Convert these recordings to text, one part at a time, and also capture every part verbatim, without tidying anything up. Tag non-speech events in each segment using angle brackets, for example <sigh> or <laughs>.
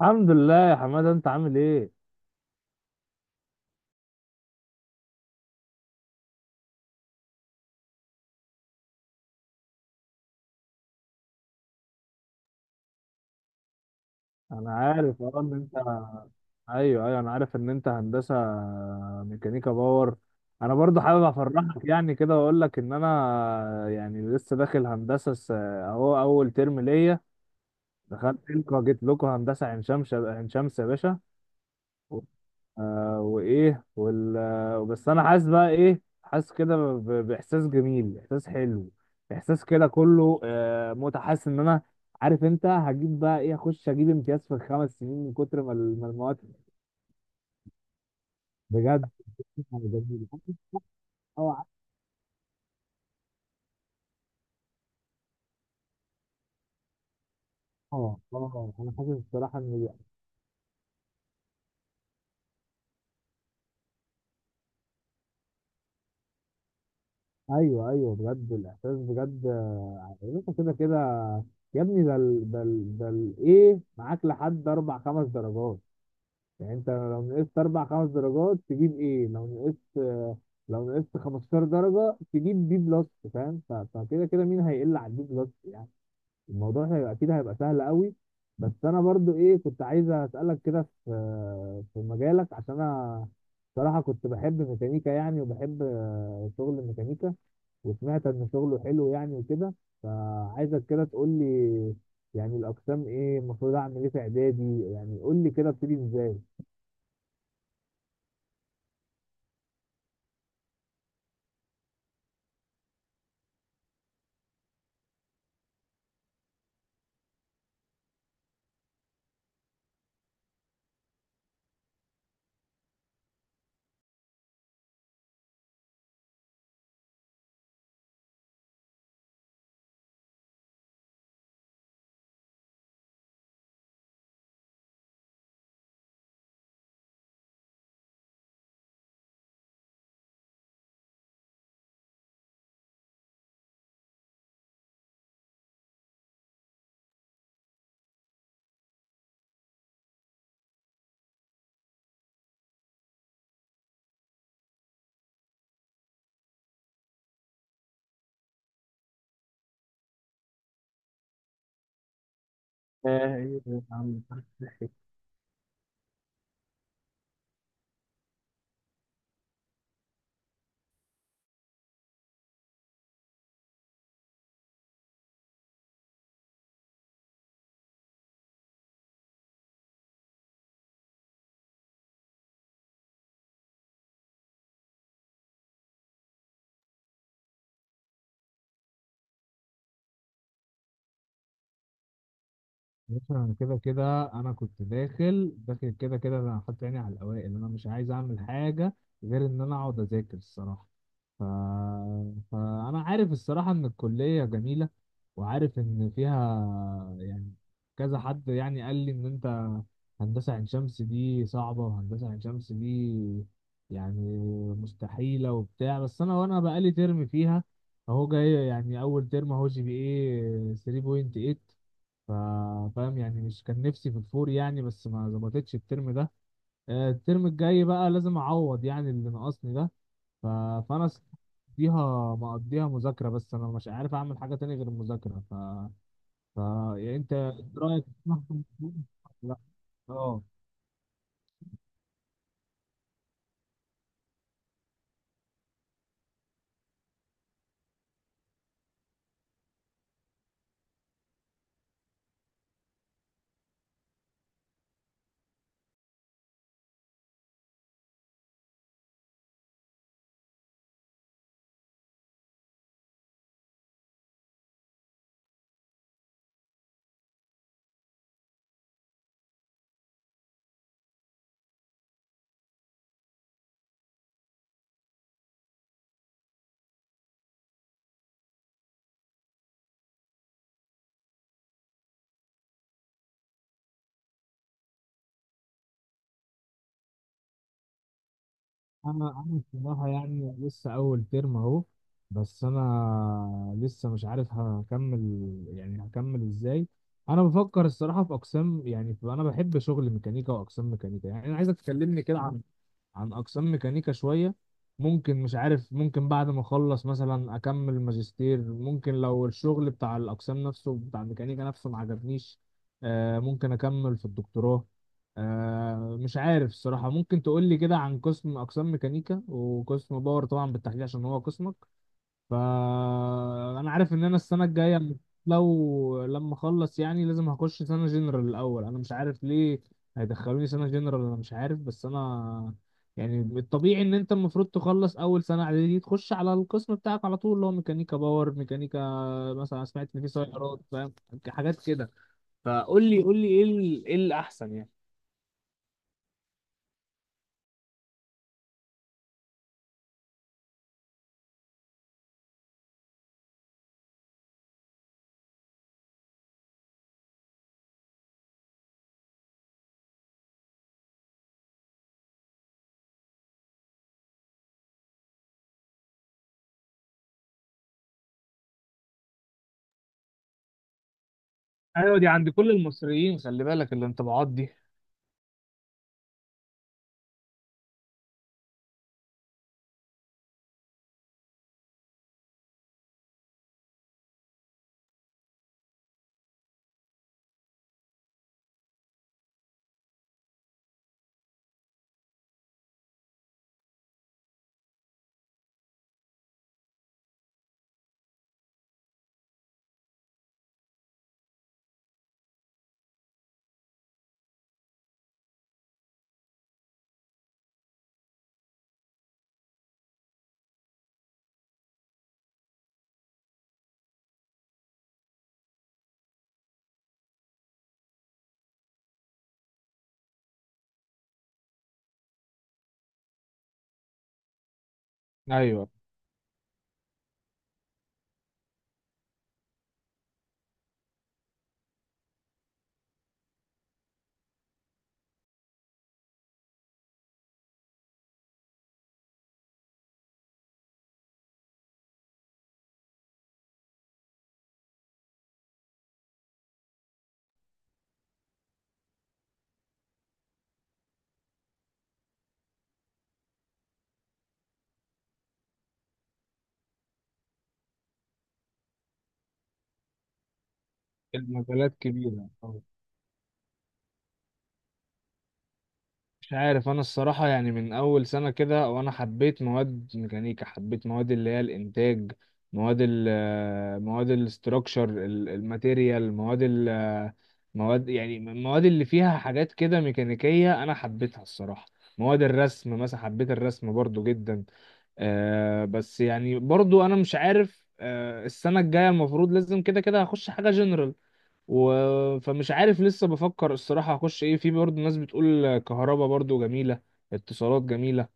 الحمد لله يا حماده، انت عامل ايه؟ انا عارف اه ان انت، ايوه ايوه، انا عارف ان انت هندسه ميكانيكا باور. انا برضو حابب افرحك يعني كده واقول لك ان انا يعني لسه داخل هندسه، س- اهو اول ترم ليا. دخلت لكم، جيت لكم هندسه عين شمس، عين شمس يا باشا. آه وايه وال آه، بس انا حاسس بقى ايه، حاسس كده ب- ب- باحساس جميل، احساس حلو، احساس كده كله آه متعه، حاسس ان انا عارف انت هجيب بقى ايه، اخش اجيب امتياز في خمس سنين من كتر ما ال- ما المواد. بجد، يعني جميل. اه اه اه، انا حاسس الصراحه ان، ايوه ايوه بجد الاحساس بجد. آه، انت كده كده، يا ابني، ده ال- ده ال- ده ال- ايه معاك لحد اربع خمس درجات. يعني انت لو نقصت اربع خمس درجات تجيب ايه؟ لو نقصت لو نقصت 15 درجة تجيب بي بلس. فاهم؟ ف- فكده كده مين هيقل على البي بلس يعني؟ الموضوع هيبقى اكيد، هيبقى سهل قوي. بس انا برضو ايه، كنت عايز اسالك كده في في مجالك، عشان انا صراحة كنت بحب ميكانيكا يعني، وبحب آه، شغل الميكانيكا، وسمعت ان شغله حلو يعني وكده. فعايزك كده تقول لي يعني الاقسام ايه، المفروض اعمل ايه في اعدادي؟ يعني قول لي كده ابتدي ازاي. آه، ايه يا عم؟ بص، انا كده كده انا كنت داخل داخل كده كده انا حاطط عيني على الاوائل، انا مش عايز اعمل حاجه غير ان انا اقعد اذاكر الصراحه. ف... فانا عارف الصراحه ان الكليه جميله، وعارف ان فيها يعني كذا حد يعني قال لي ان انت هندسه عين شمس دي صعبه، وهندسه عين شمس دي يعني مستحيله وبتاع. بس انا، وانا بقالي ترم فيها، اهو جاي يعني اول ترم، اهو جي بي ايه تلاتة فاصلة تمنية. فا- فاهم يعني؟ مش كان نفسي في الفور يعني، بس ما ظبطتش الترم ده. آه، الترم الجاي بقى لازم اعوض يعني اللي ناقصني ده. ف- فانا س- مقضيها مقضيها مذاكرة، بس انا مش عارف اعمل حاجة تاني غير المذاكرة. ف... ف... يعني انت، إنت رأيك <laughs> تسمح بالموضوع؟ لا. اه. انا انا بصراحه يعني لسه اول ترم اهو، بس انا لسه مش عارف هكمل، يعني هكمل ازاي. انا بفكر الصراحه في اقسام يعني، ف- انا بحب شغل ميكانيكا واقسام ميكانيكا، يعني انا عايزك تكلمني كده عن عن اقسام ميكانيكا شويه. ممكن، مش عارف، ممكن بعد ما اخلص مثلا اكمل ماجستير، ممكن لو الشغل بتاع الاقسام نفسه، بتاع الميكانيكا نفسه ما عجبنيش، آه ممكن اكمل في الدكتوراه. آه مش عارف الصراحه، ممكن تقول لي كده عن قسم، اقسام ميكانيكا وقسم باور طبعا بالتحديد عشان هو قسمك. فانا عارف ان انا السنه الجايه، لو لما اخلص يعني، لازم هخش سنه جنرال الاول، انا مش عارف ليه هيدخلوني سنه جنرال، انا مش عارف، بس انا يعني الطبيعي ان انت المفروض تخلص اول سنه اعدادي تخش على القسم بتاعك على طول اللي هو ميكانيكا باور، ميكانيكا مثلا، سمعت ان في سيارات، فاهم، حاجات كده. فقول لي، قول لي ايه ال- ايه الاحسن يعني؟ ايوه، دي عند كل المصريين، خلي بالك الانطباعات دي. ايوه، المجالات كبيرة. مش عارف انا الصراحة يعني من اول سنة كده وانا حبيت مواد ميكانيكا، حبيت مواد اللي هي الانتاج، مواد ال مواد الاستراكشر، الماتيريال، مواد ال مواد، يعني المواد اللي فيها حاجات كده ميكانيكية انا حبيتها الصراحة. مواد الرسم مثلا، حبيت الرسم برضو جدا. آه بس يعني برضو انا مش عارف، آه السنة الجاية المفروض لازم كده كده هخش حاجة جنرال. و... فمش عارف، لسه بفكر الصراحة هخش ايه. في برضه ناس بتقول كهربا برضه جميلة، اتصالات جميلة.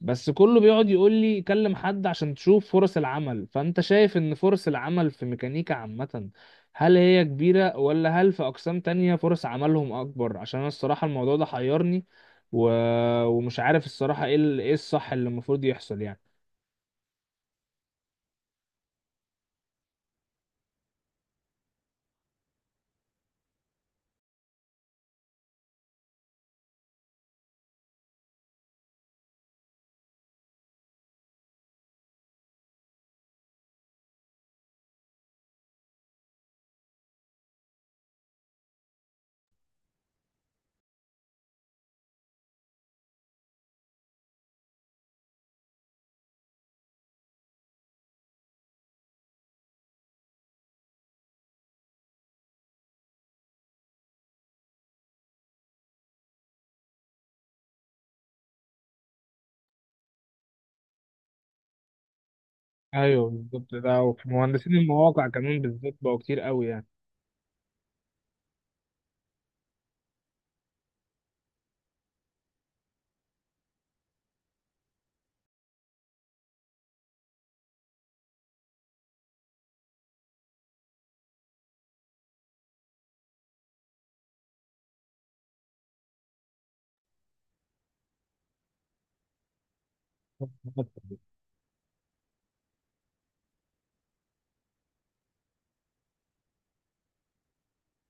بس كله بيقعد يقول لي كلم حد عشان تشوف فرص العمل. فانت شايف ان فرص العمل في ميكانيكا عامة، هل هي كبيرة، ولا هل في اقسام تانية فرص عملهم اكبر؟ عشان انا الصراحة الموضوع ده حيرني، و... ومش عارف الصراحة ايه ال- ايه الصح اللي المفروض يحصل يعني. ايوه بالظبط ده، وفي مهندسين المواقع كمان بالذات بقوا كتير قوي يعني. <laughs>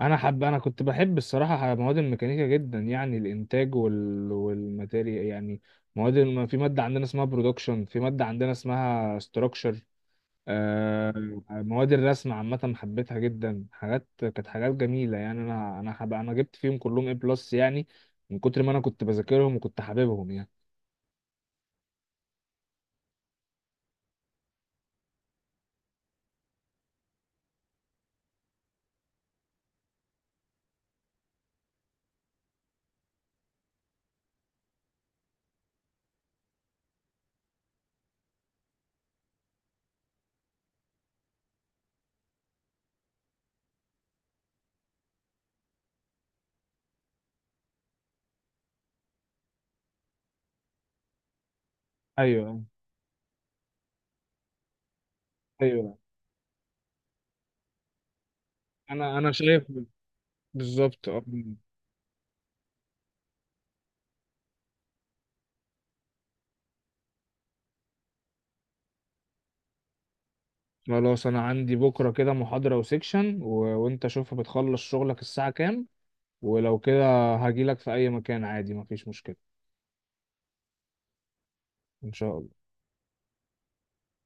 انا حب انا كنت بحب الصراحه مواد الميكانيكا جدا، يعني الانتاج وال... والماتيريال يعني. مواد الم- في ماده عندنا اسمها برودكشن، في ماده عندنا اسمها ستراكشر. آه... مواد الرسم عامه حبيتها جدا، حاجات كانت حاجات جميله يعني. انا انا حب... انا جبت فيهم كلهم اي بلس يعني، من كتر ما انا كنت بذاكرهم وكنت حاببهم يعني. ايوه ايوه، انا انا شايف. بالظبط آه. خلاص، انا عندي بكره كده محاضره وسيكشن، و... وانت شوف بتخلص شغلك الساعه كام، ولو كده هجيلك في اي مكان عادي، مفيش مشكلة. ان شاء الله.